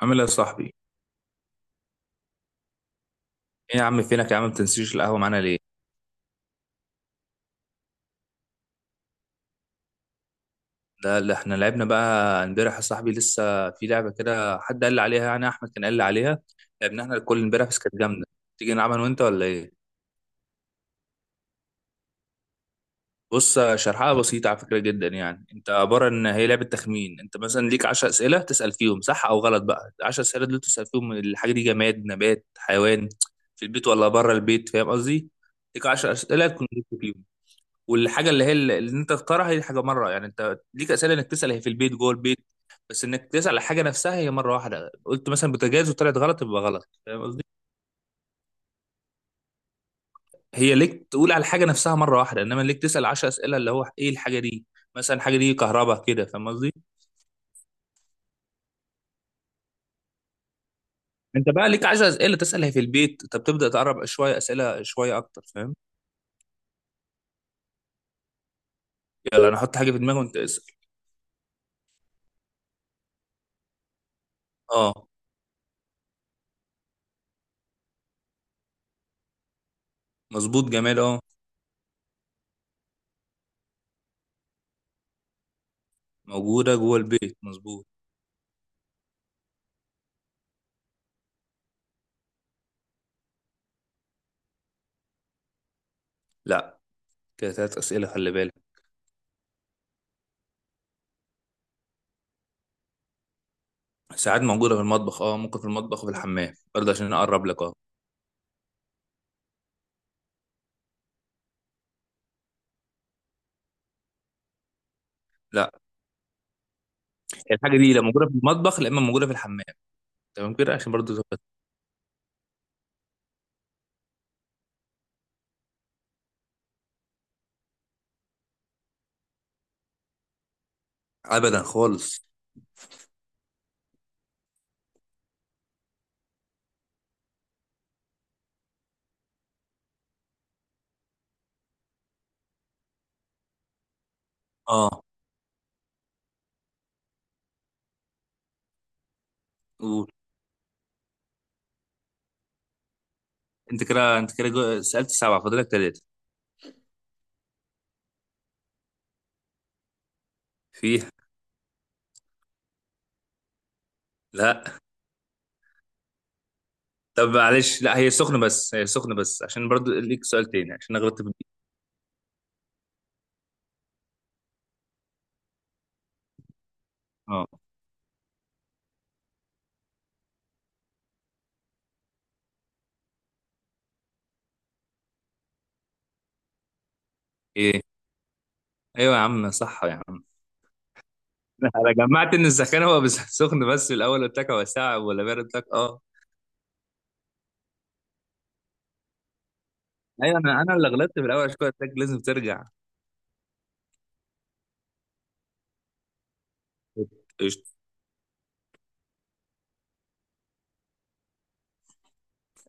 عامل ايه يا صاحبي؟ ايه يا عم، فينك يا عم؟ ما بتنسيش القهوة معانا ليه؟ ده اللي احنا لعبنا بقى امبارح يا صاحبي. لسه في لعبة كده حد قال لي عليها، يعني احمد كان قال لي عليها. لعبنا احنا الكل امبارح، بس كانت جامدة. تيجي نلعبها انا وانت ولا ايه؟ بص، شرحها بسيطة على فكرة جدا. يعني انت عبارة ان هي لعبة تخمين. انت مثلا ليك 10 أسئلة تسأل فيهم صح او غلط. بقى 10 أسئلة دول تسأل فيهم الحاجة دي جماد، نبات، حيوان، في البيت ولا بره البيت. فاهم قصدي؟ ليك 10 أسئلة تكون جبت فيهم. والحاجه اللي هي اللي انت تختارها هي حاجه مره. يعني انت ليك اسئله انك تسال هي في البيت جوه البيت. بس انك تسال على حاجه نفسها هي مره واحده. قلت مثلا بوتاجاز وطلعت غلط، يبقى غلط. فاهم قصدي؟ هي ليك تقول على الحاجه نفسها مره واحده، انما ليك تسال 10 اسئله اللي هو ايه الحاجه دي. مثلا الحاجه دي كهرباء كده. فاهم قصدي؟ انت بقى ليك 10 اسئله تسال هي في البيت، طب تبدا تقرب شويه اسئله شويه اكتر. فاهم؟ يلا، انا احط حاجه في دماغي وانت اسال. اه، مظبوط، جمال، اه. موجوده جوه البيت مظبوط. لا. كده ثلاث اسئله، خلي بالك. ساعات موجودة في المطبخ، اه، ممكن في المطبخ وفي الحمام برضه عشان اقرب لك، اه. لا. الحاجة دي لا موجودة في المطبخ لا اما موجودة في الحمام. تمام كده عشان برضه. ابدا خالص. اه. قول. انت كده سألت سبعة، فاضلك ثلاثة. فيها. لا. طب معلش، لا هي سخنة بس. هي سخنة بس عشان برضه ليك سؤال تاني، عشان انا غلطت في دي. اه. ايه. ايوه يا عم، صح يا عم. لا، انا جمعت ان السخان هو بس سخن بس. الاول قلت لك هو ساعة ولا بارد، قلت لك اه. ايوه، انا اللي غلطت في الاول، عشان كده قلت لك لازم ترجع.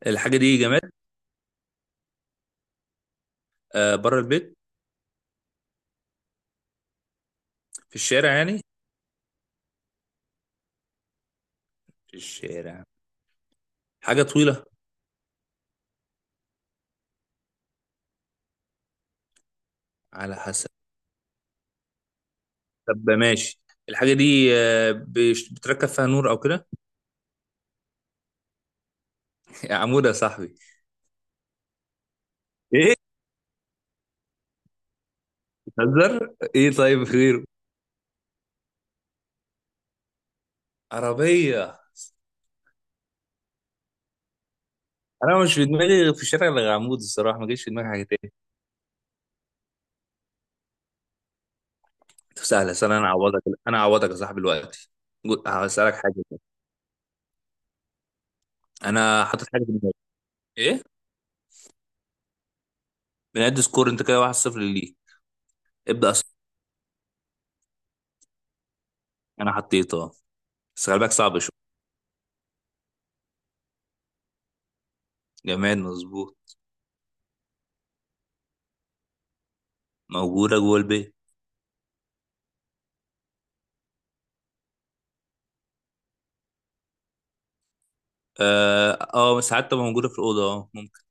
الحاجة دي جماد. آه، بره البيت. في الشارع يعني. في الشارع. حاجة طويلة. على حسب. طب ماشي. الحاجة دي بتركب فيها نور أو كده. يا عمود يا صاحبي. إيه. بتهزر. إيه طيب غيره. عربية. أنا مش في دماغي غير في الشارع غير عمود، الصراحة ما جاش في دماغي حاجة تاني. طب سهلة سهلة، أنا أعوضك. أنا أعوضك يا صاحبي دلوقتي. هسألك حاجة كده. أنا حاطط حاجة في دماغي. إيه. بنعد سكور أنت كده. 1-0 ليك. ابدأ أصلا. أنا حطيته. بس خلي بالك صعب شوية. جماد مظبوط. موجودة جوه البيت. اه، ساعات تبقى موجودة في الأوضة، اه ممكن.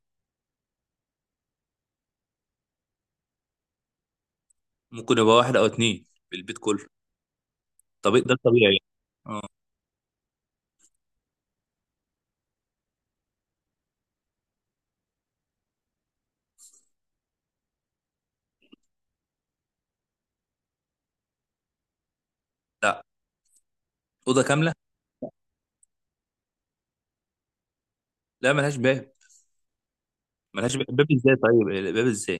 ممكن يبقى واحد أو اتنين في البيت كله. طب ده الطبيعي يعني. اه. لا. أوضة كاملة. لا، ملهاش باب. ملهاش باب، باب ازاي طيب؟ باب ازاي؟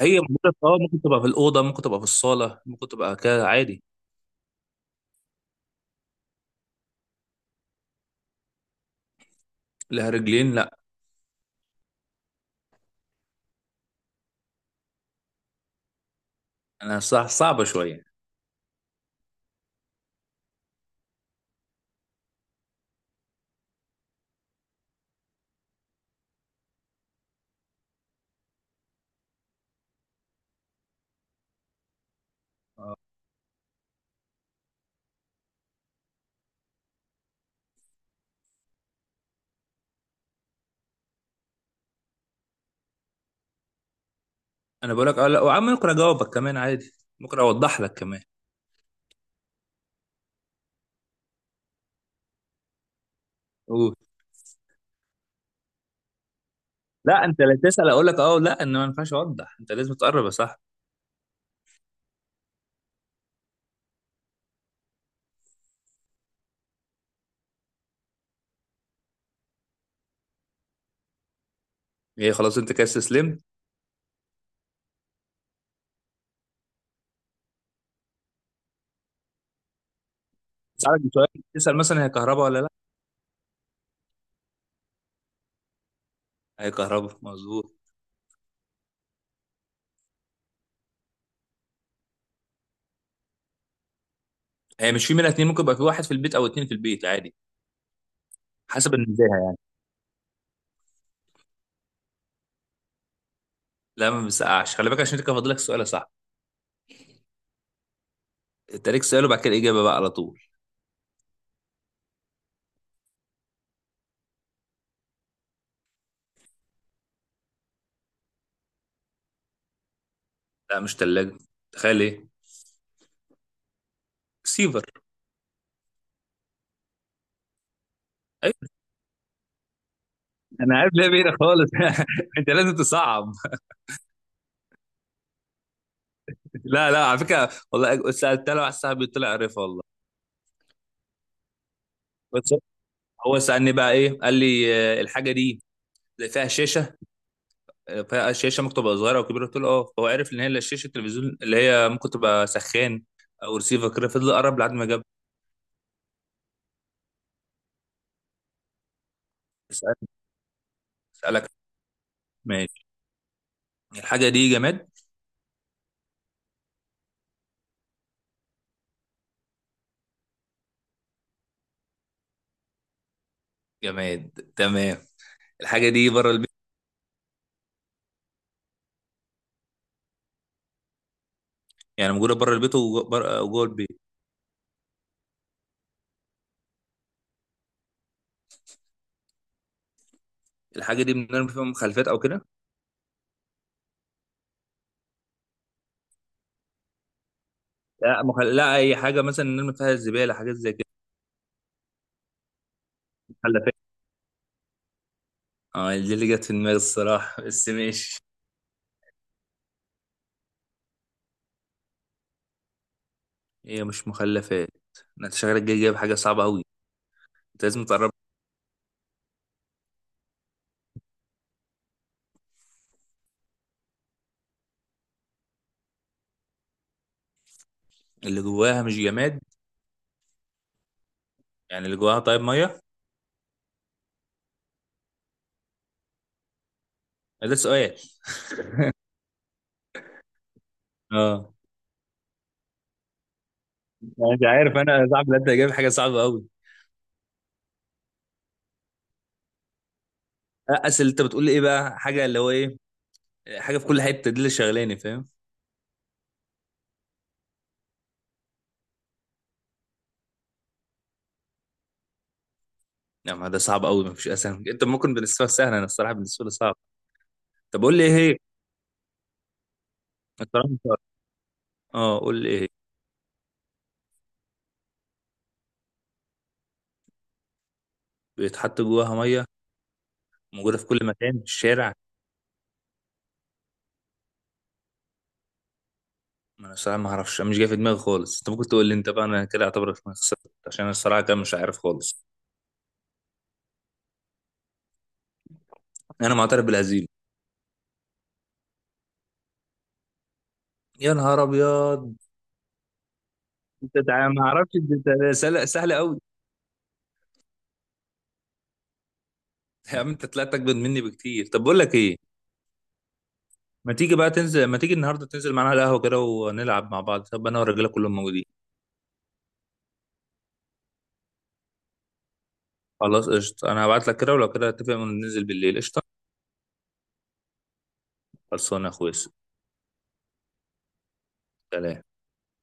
هي موجودة اه ممكن تبقى في الأوضة، ممكن تبقى في الصالة، ممكن تبقى كده عادي. لها رجلين لا. أنا صح، صعبة شوية. آه. أنا بقول لك اه لا، وعم ممكن أجاوبك كمان عادي. ممكن أوضح لك كمان. قول. لا، أنت لا، تسأل أقول لك اه لا، إن ما ينفعش أوضح. أنت لازم تقرب يا صاحبي. هي خلاص أنت كده استسلمت؟ اسالك بسؤال. تسال مثلا هي كهرباء ولا لا. هي كهرباء مظبوط. هي مش في منها اتنين، ممكن يبقى في واحد في البيت او اتنين في البيت عادي. حسب الميزان. لا، ما بيسقعش، خلي بالك عشان كده فاضلك سؤال صح. انت ليك سؤال، وبعد كده الاجابه بقى على طول. لا مش ثلاجه. تخيل ايه. سيفر. ايوه. انا عارف ليه بعيدة خالص. انت لازم تصعب. لا لا، على فكره والله سالتها له على الساعه طلع عارفها والله. بس. هو سالني بقى ايه، قال لي الحاجه دي فيها شاشه. فالشاشه ممكن تبقى صغيره او كبيره، قلت له اه، فهو عرف ان هي لا شاشه التلفزيون اللي هي ممكن تبقى سخان او ريسيفر كده، فضل قرب لحد ما جاب. اسالك. اسالك. ماشي. الحاجه دي جماد. جماد تمام. الحاجه دي بره البيت. يعني موجوده بره البيت وجوه البيت. الحاجه دي بنرمي فيها مخلفات او كده. لا لا، اي حاجه مثلا نرمي فيها الزباله، حاجات زي كده. مخلفات. اه دي اللي جت في دماغي الصراحه، بس ماشي. هي مش مخلفات. انت شغلك جاي جايب حاجه صعبه قوي. انت لازم تقرب. اللي جواها مش جماد. يعني اللي جواها طيب ميه. ده سؤال. اه. أنا مش عارف، انا صعب ان انت جايب حاجه صعبه قوي. اصل انت بتقول ايه بقى، حاجه اللي هو ايه؟ حاجه في كل حته دي اللي شغلاني، فاهم. لا ما ده صعب قوي، ما فيش اسهل. انت ممكن بالنسبه لك سهله، انا الصراحه بالنسبه لي صعب. طب قول لي ايه هي. الصراحه مش عارف. اه قول لي ايه هي؟ بيتحط جواها ميه. موجوده في كل مكان في الشارع. ما انا الصراحه ما اعرفش، أنا مش جاي في دماغي خالص. انت ممكن تقول لي، انت بقى انا كده اعتبرك إنك خسرت، عشان انا الصراحه كده مش عارف خالص. انا معترف بالهزيمه. يا نهار ابيض. ما اعرفش، انت سهله سهله قوي. يا عم انت طلعت اجمد مني بكتير. طب بقول لك ايه، ما تيجي بقى تنزل، ما تيجي النهارده تنزل معانا على القهوه كده ونلعب مع بعض، طب انا والرجاله كلهم موجودين. خلاص قشطه، انا هبعت لك كده، ولو كده اتفق وننزل بالليل قشطه. خلصانه يا اخويا. سلام.